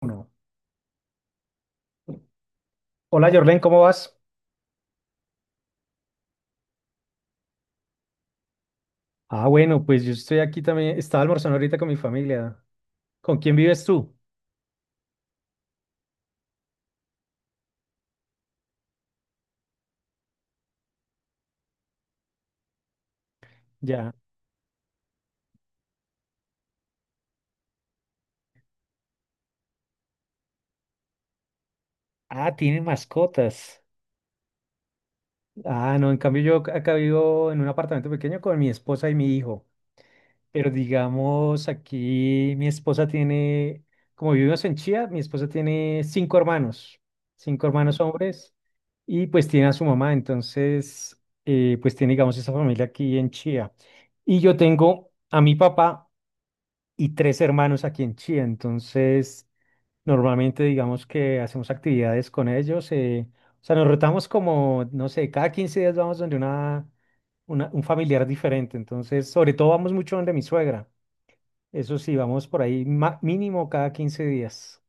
Uno. Hola, Jorlen, ¿cómo vas? Ah, bueno, pues yo estoy aquí también. Estaba almorzando ahorita con mi familia. ¿Con quién vives tú? Ya. Ah, tienen mascotas. Ah, no, en cambio yo acá vivo en un apartamento pequeño con mi esposa y mi hijo. Pero digamos, aquí mi esposa tiene, como vivimos en Chía, mi esposa tiene cinco hermanos hombres, y pues tiene a su mamá. Entonces, pues tiene, digamos, esa familia aquí en Chía. Y yo tengo a mi papá. Y tres hermanos aquí en Chía. Entonces, normalmente digamos que hacemos actividades con ellos. O sea, nos rotamos como, no sé, cada 15 días vamos donde un familiar diferente. Entonces, sobre todo vamos mucho donde mi suegra. Eso sí, vamos por ahí mínimo cada 15 días.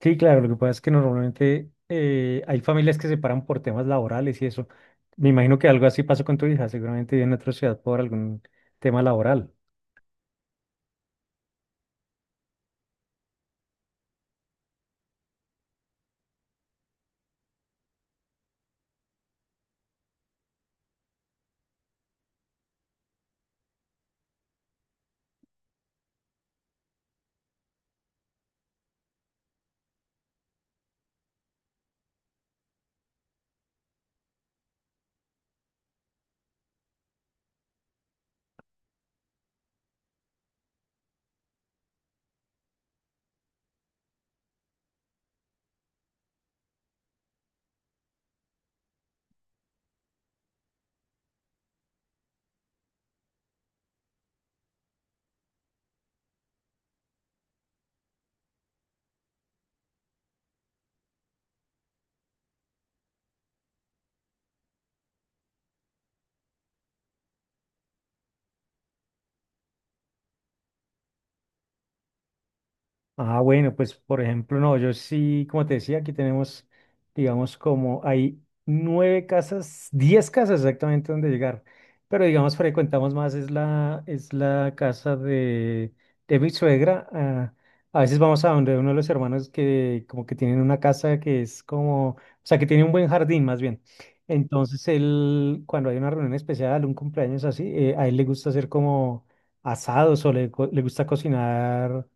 Sí, claro, lo que pasa es que normalmente hay familias que se paran por temas laborales y eso. Me imagino que algo así pasó con tu hija, seguramente vive en otra ciudad por algún tema laboral. Ah, bueno, pues por ejemplo, no, yo sí, como te decía, aquí tenemos, digamos, como hay nueve casas, 10 casas exactamente donde llegar, pero digamos, frecuentamos más, es la casa de mi suegra. A veces vamos a donde uno de los hermanos que como que tienen una casa que es como, o sea, que tiene un buen jardín más bien. Entonces, él, cuando hay una reunión especial, un cumpleaños así, a él le gusta hacer como asados o le gusta cocinar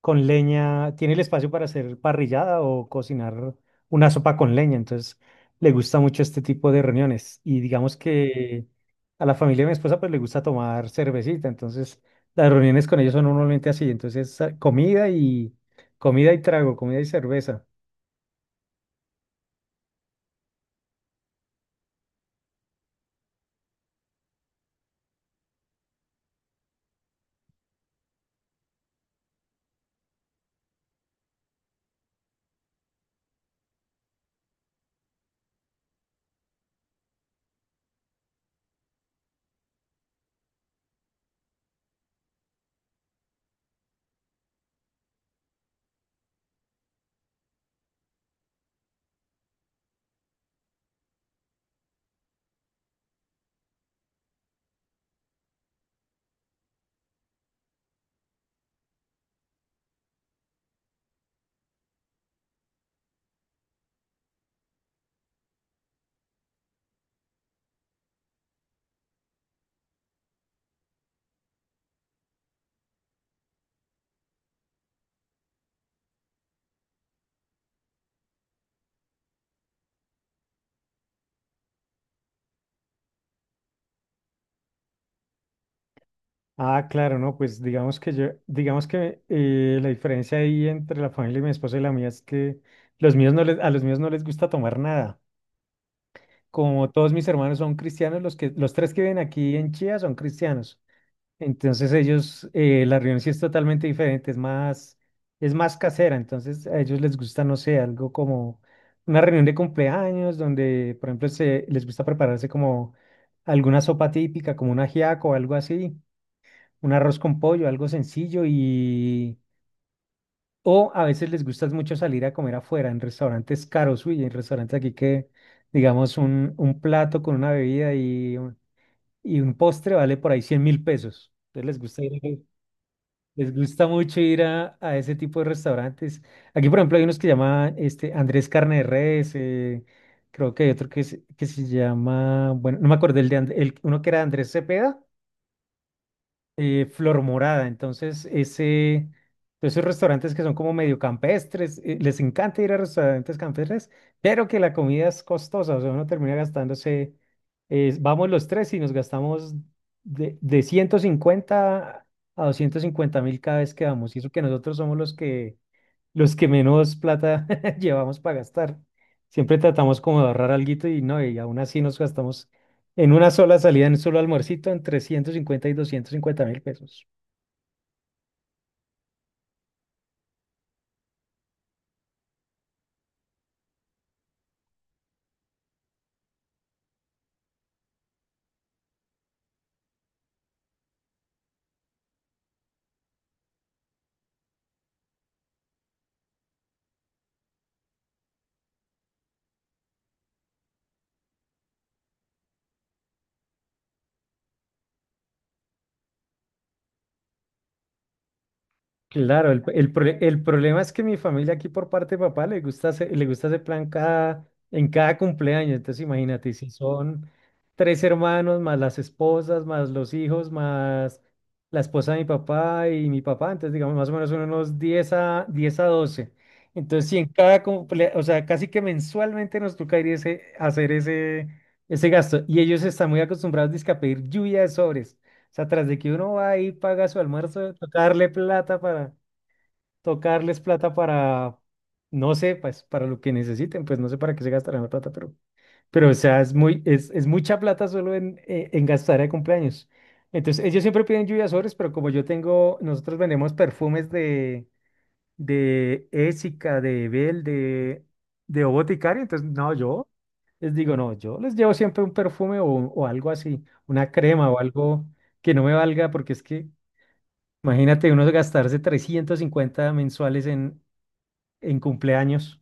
con leña, tiene el espacio para hacer parrillada o cocinar una sopa con leña, entonces le gusta mucho este tipo de reuniones y digamos que a la familia de mi esposa pues le gusta tomar cervecita, entonces las reuniones con ellos son normalmente así, entonces comida y comida y trago, comida y cerveza. Ah, claro, no, pues digamos que yo, digamos que la diferencia ahí entre la familia de mi esposa y la mía es que los míos no les, a los míos no les gusta tomar nada. Como todos mis hermanos son cristianos, los que, los tres que viven aquí en Chía son cristianos. Entonces ellos, la reunión sí es totalmente diferente, es más casera. Entonces a ellos les gusta, no sé, algo como una reunión de cumpleaños donde, por ejemplo, se, les gusta prepararse como alguna sopa típica, como un ajiaco o algo así, un arroz con pollo, algo sencillo y o a veces les gusta mucho salir a comer afuera, en restaurantes caros. Uy, en restaurantes aquí que, digamos, un plato con una bebida y un postre vale por ahí 100.000 pesos. Entonces les gusta ir, les gusta mucho ir a ese tipo de restaurantes. Aquí, por ejemplo, hay unos que llaman este, Andrés Carne de Res. Creo que hay otro que, que se llama, bueno, no me acordé el de uno que era Andrés Cepeda. Flor Morada. Entonces, ese, esos restaurantes que son como medio campestres, les encanta ir a restaurantes campestres, pero que la comida es costosa, o sea, uno termina gastándose, vamos los tres y nos gastamos de 150 a 250.000 cada vez que vamos. Y eso que nosotros somos los que menos plata llevamos para gastar. Siempre tratamos como de ahorrar alguito y no, y aún así nos gastamos en una sola salida, en un solo almuercito, entre 150 y 250 mil pesos. Claro, el problema es que mi familia aquí por parte de papá le gusta ese plan cada, en cada cumpleaños. Entonces imagínate, si son tres hermanos, más las esposas, más los hijos, más la esposa de mi papá y mi papá, entonces digamos más o menos son unos diez a 12. Entonces si en cada o sea, casi que mensualmente nos toca ir ese, hacer ese gasto. Y ellos están muy acostumbrados dizque, a pedir lluvia de sobres. O sea, tras de que uno va ahí, paga su almuerzo, tocarles plata para, no sé, pues para lo que necesiten, pues no sé para qué se gastarán la plata, pero, pero o sea, es mucha plata solo en gastar de cumpleaños. Entonces, ellos siempre piden lluvias sobres, pero como yo tengo, nosotros vendemos perfumes de Ésica, de Ebel, de O Boticario, entonces no, yo les digo, no, yo les llevo siempre un perfume o algo así, una crema o algo que no me valga, porque es que imagínate uno gastarse 350 mensuales en, cumpleaños.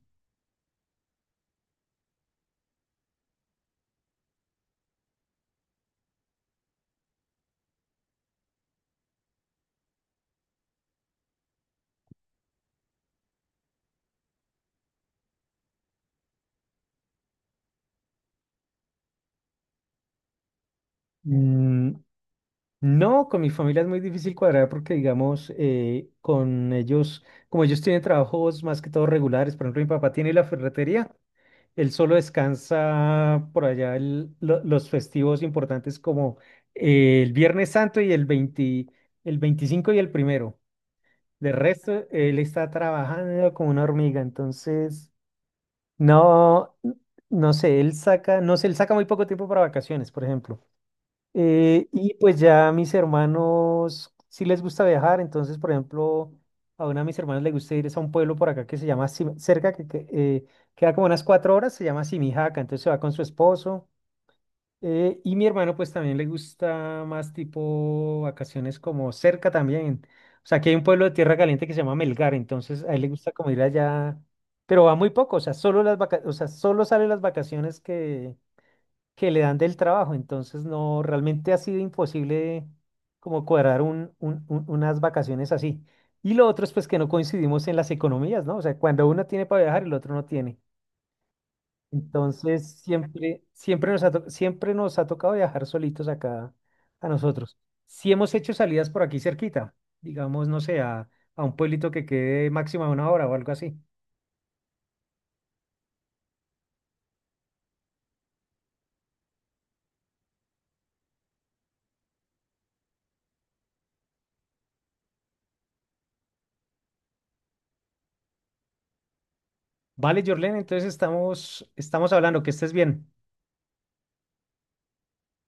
Mm, no, con mi familia es muy difícil cuadrar porque, digamos, con ellos, como ellos tienen trabajos más que todo regulares, por ejemplo, mi papá tiene la ferretería. Él solo descansa por allá los festivos importantes como el Viernes Santo y el 20, el 25 y el primero. De resto, él está trabajando como una hormiga, entonces no, no sé, él saca, no sé, él saca muy poco tiempo para vacaciones, por ejemplo. Y pues ya a mis hermanos sí les gusta viajar, entonces, por ejemplo, a una de mis hermanos le gusta ir es a un pueblo por acá que se llama cerca, que queda como unas 4 horas, se llama Simijaca, entonces se va con su esposo. Y mi hermano pues también le gusta más tipo vacaciones como cerca también. O sea, aquí hay un pueblo de Tierra Caliente que se llama Melgar, entonces a él le gusta como ir allá, pero va muy poco, o sea, o sea, solo sale las vacaciones que le dan del trabajo. Entonces, no, realmente ha sido imposible como cuadrar unas vacaciones así. Y lo otro es pues que no coincidimos en las economías, ¿no? O sea, cuando uno tiene para viajar, el otro no tiene. Entonces, siempre, siempre nos ha tocado viajar solitos acá a nosotros. Si hemos hecho salidas por aquí cerquita, digamos, no sé, a un pueblito que quede máxima una hora o algo así. Vale, Jorlen, entonces estamos, hablando, que estés bien.